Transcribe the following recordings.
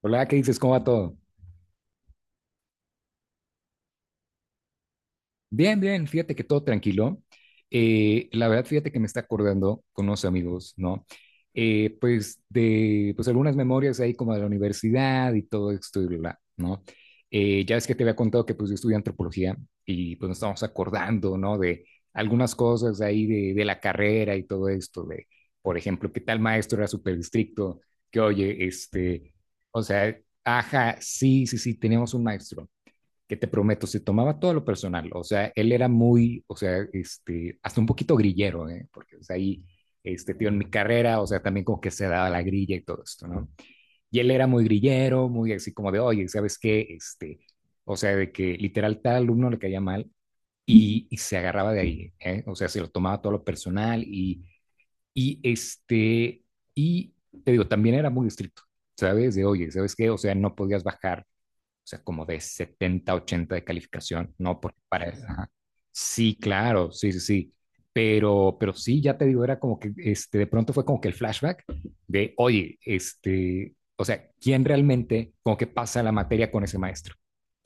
Hola, ¿qué dices? ¿Cómo va todo? Bien, bien, fíjate que todo tranquilo. La verdad, fíjate que me está acordando con unos amigos, ¿no? Pues algunas memorias ahí como de la universidad y todo esto y bla, bla, ¿no? Ya es que te había contado que pues yo estudié antropología, y pues nos estamos acordando, ¿no? De algunas cosas ahí de la carrera y todo esto, de, por ejemplo, que tal maestro era súper estricto, que oye, o sea, ajá, sí, sí, sí, teníamos un maestro que, te prometo, se tomaba todo lo personal. O sea, él era muy, o sea, hasta un poquito grillero, ¿eh? Porque o sea, ahí, tío, en mi carrera, o sea, también como que se daba la grilla y todo esto, ¿no? Y él era muy grillero, muy así como de, oye, ¿sabes qué? O sea, de que literal tal alumno le caía mal y se agarraba de ahí, ¿eh? O sea, se lo tomaba todo lo personal y este, y te digo, también era muy estricto, ¿sabes? De, oye, ¿sabes qué? O sea, no podías bajar, o sea, como de 70, 80 de calificación, ¿no? Porque para... Ajá. Sí, claro, sí, sí, sí. Pero sí, ya te digo, era como que, de pronto fue como que el flashback de, oye, o sea, ¿quién realmente, como que pasa la materia con ese maestro?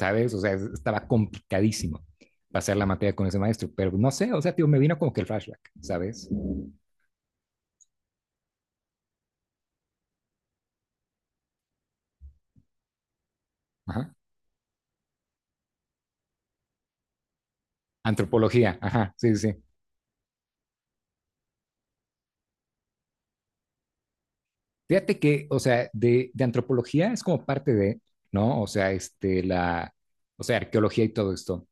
¿Sabes? O sea, estaba complicadísimo pasar la materia con ese maestro, pero no sé, o sea, tío, me vino como que el flashback, ¿sabes? Ajá. Antropología, ajá, sí, sí, sí. Fíjate que, o sea, de antropología es como parte de, ¿no? O sea, la, o sea, arqueología y todo esto.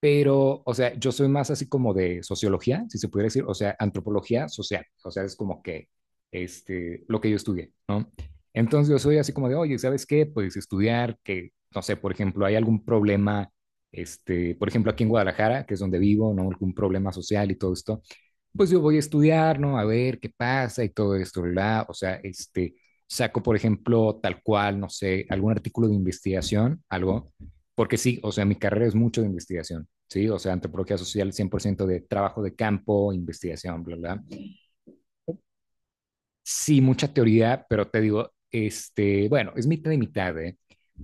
Pero, o sea, yo soy más así como de sociología, si se pudiera decir, o sea, antropología social. O sea, es como que, lo que yo estudié, ¿no? Entonces yo soy así como de, oye, ¿sabes qué? Pues estudiar que, no sé, por ejemplo, hay algún problema, por ejemplo, aquí en Guadalajara, que es donde vivo, ¿no? Algún problema social y todo esto, pues yo voy a estudiar, ¿no? A ver qué pasa y todo esto, ¿verdad? O sea, saco, por ejemplo, tal cual, no sé, algún artículo de investigación, algo, porque sí, o sea, mi carrera es mucho de investigación, ¿sí? O sea, antropología social, 100% de trabajo de campo, investigación, bla, bla. Sí, mucha teoría, pero te digo, bueno, es mitad y mitad, ¿eh?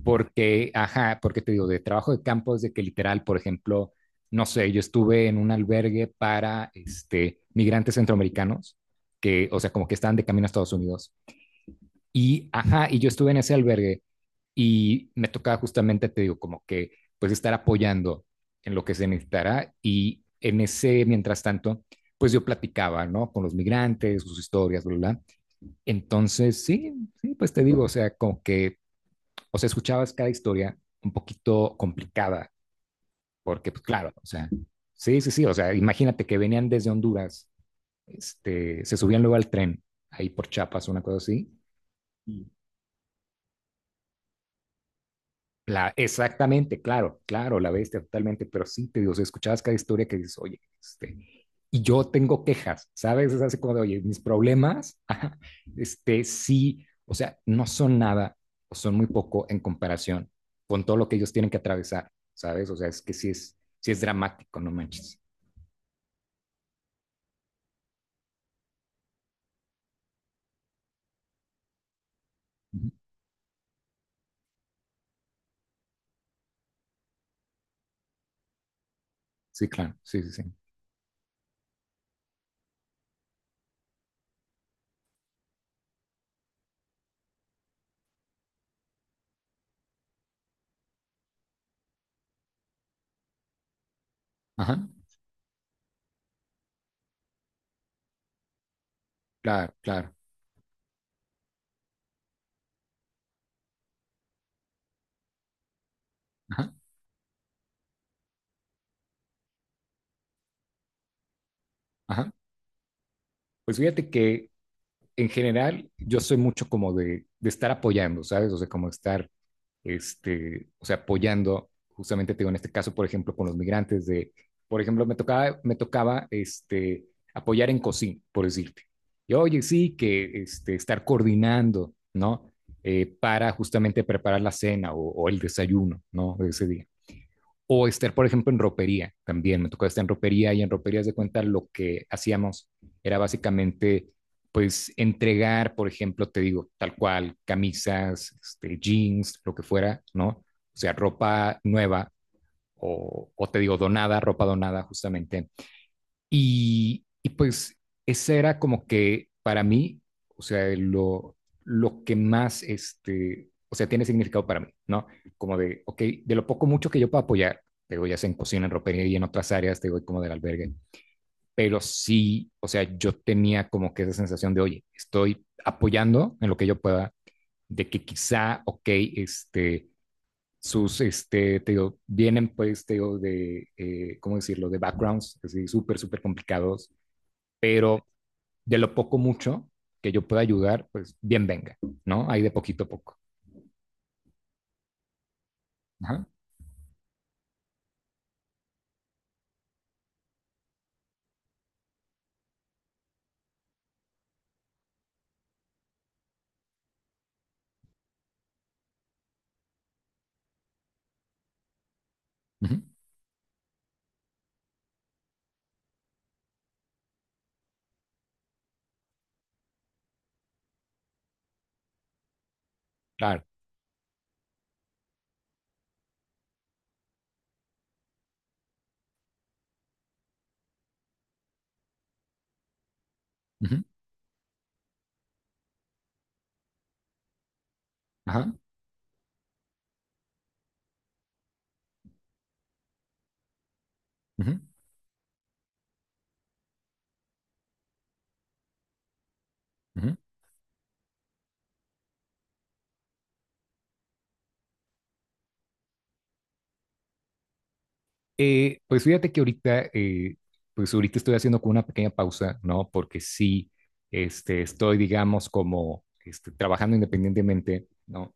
Porque, ajá, porque te digo, de trabajo de campo es de que literal, por ejemplo, no sé, yo estuve en un albergue para migrantes centroamericanos, que, o sea, como que estaban de camino a Estados Unidos. Y, ajá, y yo estuve en ese albergue y me tocaba justamente, te digo, como que, pues estar apoyando en lo que se necesitara. Y en ese, mientras tanto, pues yo platicaba, ¿no? Con los migrantes, sus historias, bla, bla, bla. Entonces, sí, sí, pues te digo, o sea, como que, o sea, escuchabas cada historia un poquito complicada, porque, pues claro, o sea, sí, sí, sí, o sea, imagínate que venían desde Honduras, se subían luego al tren, ahí por Chiapas, una cosa así. La, exactamente, claro, claro, la bestia totalmente, pero sí, te digo, si escuchabas cada historia que dices, oye, y yo tengo quejas, ¿sabes? Es así como de, oye, mis problemas, ajá, sí, o sea, no son nada, o son muy poco en comparación con todo lo que ellos tienen que atravesar, ¿sabes? O sea, es que sí es dramático, no manches. Ujú. Sí, claro, sí, sí, sí. Ajá, claro, claro, ajá, ajá. Pues fíjate que en general yo soy mucho como de estar apoyando, ¿sabes? O sea, como estar, o sea, apoyando justamente, te digo, en este caso, por ejemplo, con los migrantes de, por ejemplo, me tocaba, apoyar en cocina, por decirte. Y oye, sí, que estar coordinando, ¿no? Para justamente preparar la cena o el desayuno, ¿no? De ese día. O estar, por ejemplo, en ropería también. Me tocó estar en ropería y en roperías de cuenta lo que hacíamos era básicamente, pues, entregar, por ejemplo, te digo, tal cual, camisas, jeans, lo que fuera, ¿no? O sea, ropa nueva o te digo, donada, ropa donada justamente, y pues ese era como que para mí, o sea, lo que más, o sea, tiene significado para mí, ¿no? Como de, ok, de lo poco mucho que yo puedo apoyar, te digo, ya sea en cocina, en ropería y en otras áreas, te digo, como del albergue, pero sí, o sea, yo tenía como que esa sensación de, oye, estoy apoyando en lo que yo pueda, de que quizá, ok, este, te digo, vienen pues, te digo, de, ¿cómo decirlo?, de backgrounds, así, súper, súper complicados, pero de lo poco mucho que yo pueda ayudar, pues bien venga, ¿no? Ahí de poquito a poco. Ajá, ujú, claro. Ujú, ajá, ujú, ujú. Pues fíjate que ahorita, pues ahorita estoy haciendo como una pequeña pausa, ¿no? Porque sí, estoy, digamos, como trabajando independientemente, ¿no?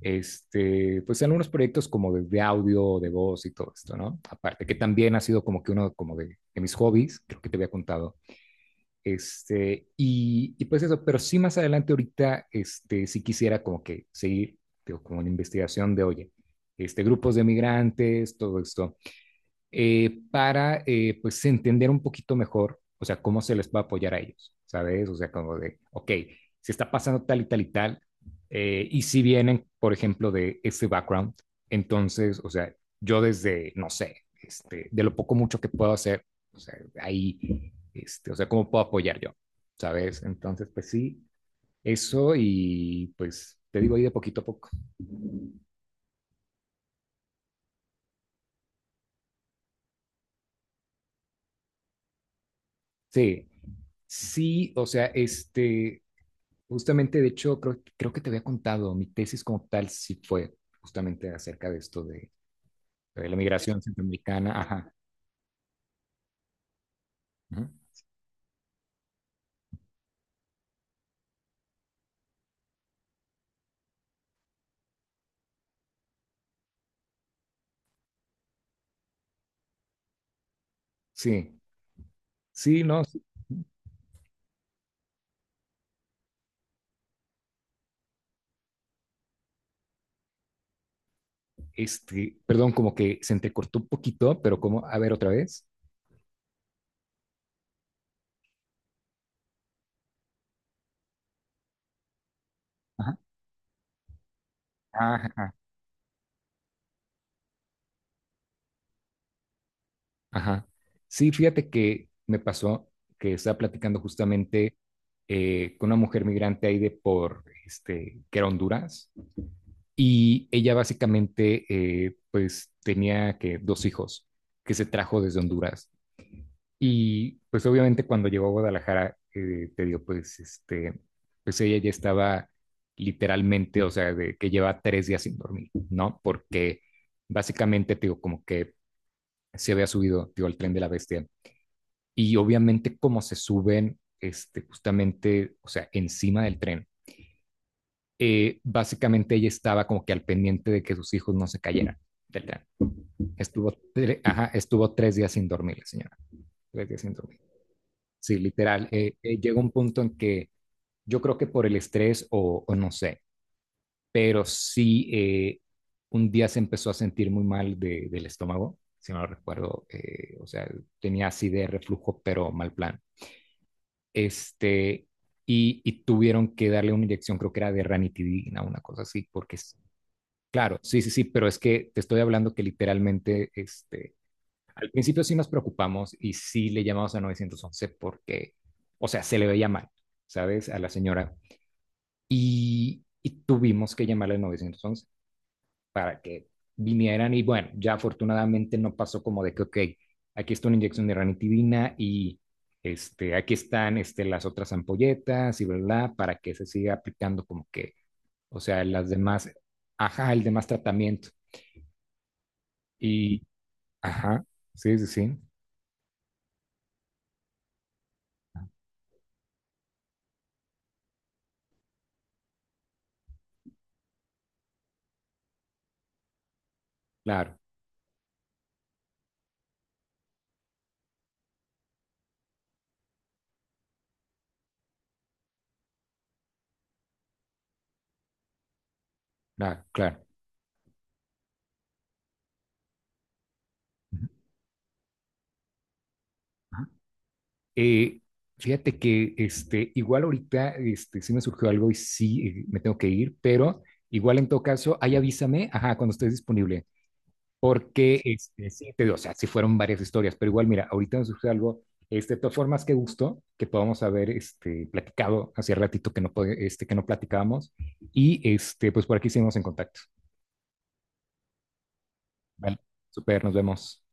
Pues en unos proyectos como de audio, de voz y todo esto, ¿no? Aparte, que también ha sido como que uno como de mis hobbies, creo que te había contado. Pues eso, pero sí más adelante ahorita, sí quisiera como que seguir, digo, como una investigación de, oye, grupos de migrantes, todo esto, para pues entender un poquito mejor, o sea, cómo se les va a apoyar a ellos, ¿sabes? O sea, como de, ok, si está pasando tal y tal y tal, y si vienen, por ejemplo, de ese background, entonces, o sea, yo desde, no sé, de lo poco mucho que puedo hacer, o sea, ahí, o sea, cómo puedo apoyar yo, ¿sabes? Entonces, pues sí, eso y pues te digo ahí de poquito a poco. Sí, sí, o sea, justamente, de hecho, creo que te había contado, mi tesis como tal sí fue justamente acerca de esto de la migración centroamericana. Ajá. Ujú. Sí, sí, no, sí, perdón, como que se entrecortó un poquito, pero como, a ver otra vez. Ajá. Ajá, ajá, ajá. Sí, fíjate que me pasó que estaba platicando justamente, con una mujer migrante ahí de por, que era Honduras. Y ella básicamente, pues tenía que dos hijos que se trajo desde Honduras. Y pues obviamente cuando llegó a Guadalajara, te digo, pues pues ella ya estaba literalmente, o sea, de que lleva 3 días sin dormir, ¿no? Porque básicamente, te digo, como que se había subido, te digo, al tren de la bestia. Y obviamente como se suben, justamente, o sea, encima del tren, básicamente ella estaba como que al pendiente de que sus hijos no se cayeran del tren. Estuvo, ajá, estuvo 3 días sin dormir la señora, 3 días sin dormir. Sí, literal, llega un punto en que yo creo que por el estrés o no sé, pero sí, un día se empezó a sentir muy mal de, del estómago, si no lo recuerdo, o sea, tenía acidez, reflujo, pero mal plan. Este, Tuvieron que darle una inyección, creo que era de ranitidina, una cosa así, porque, claro, sí, sí, sí, pero es que te estoy hablando que literalmente, al principio sí nos preocupamos y sí le llamamos a 911 porque, o sea, se le veía mal, ¿sabes? A la señora. Y tuvimos que llamarle al 911 para que vinieran y bueno, ya afortunadamente no pasó. Como de que, ok, aquí está una inyección de ranitidina y aquí están las otras ampolletas, y verdad, para que se siga aplicando como que, o sea, las demás, ajá, el demás tratamiento. Y, ajá, sí, sí, sí, claro, claro, claro. Eh, Fíjate que igual ahorita sí me surgió algo y sí, me tengo que ir, pero igual en todo caso, ahí avísame, ajá, cuando estés disponible, porque sí, te digo, o sea, sí fueron varias historias, pero igual, mira, ahorita me surgió algo. De todas formas, qué gusto que podamos haber platicado hace ratito que no, que no platicábamos. Y pues por aquí seguimos en contacto. Vale, super, nos vemos.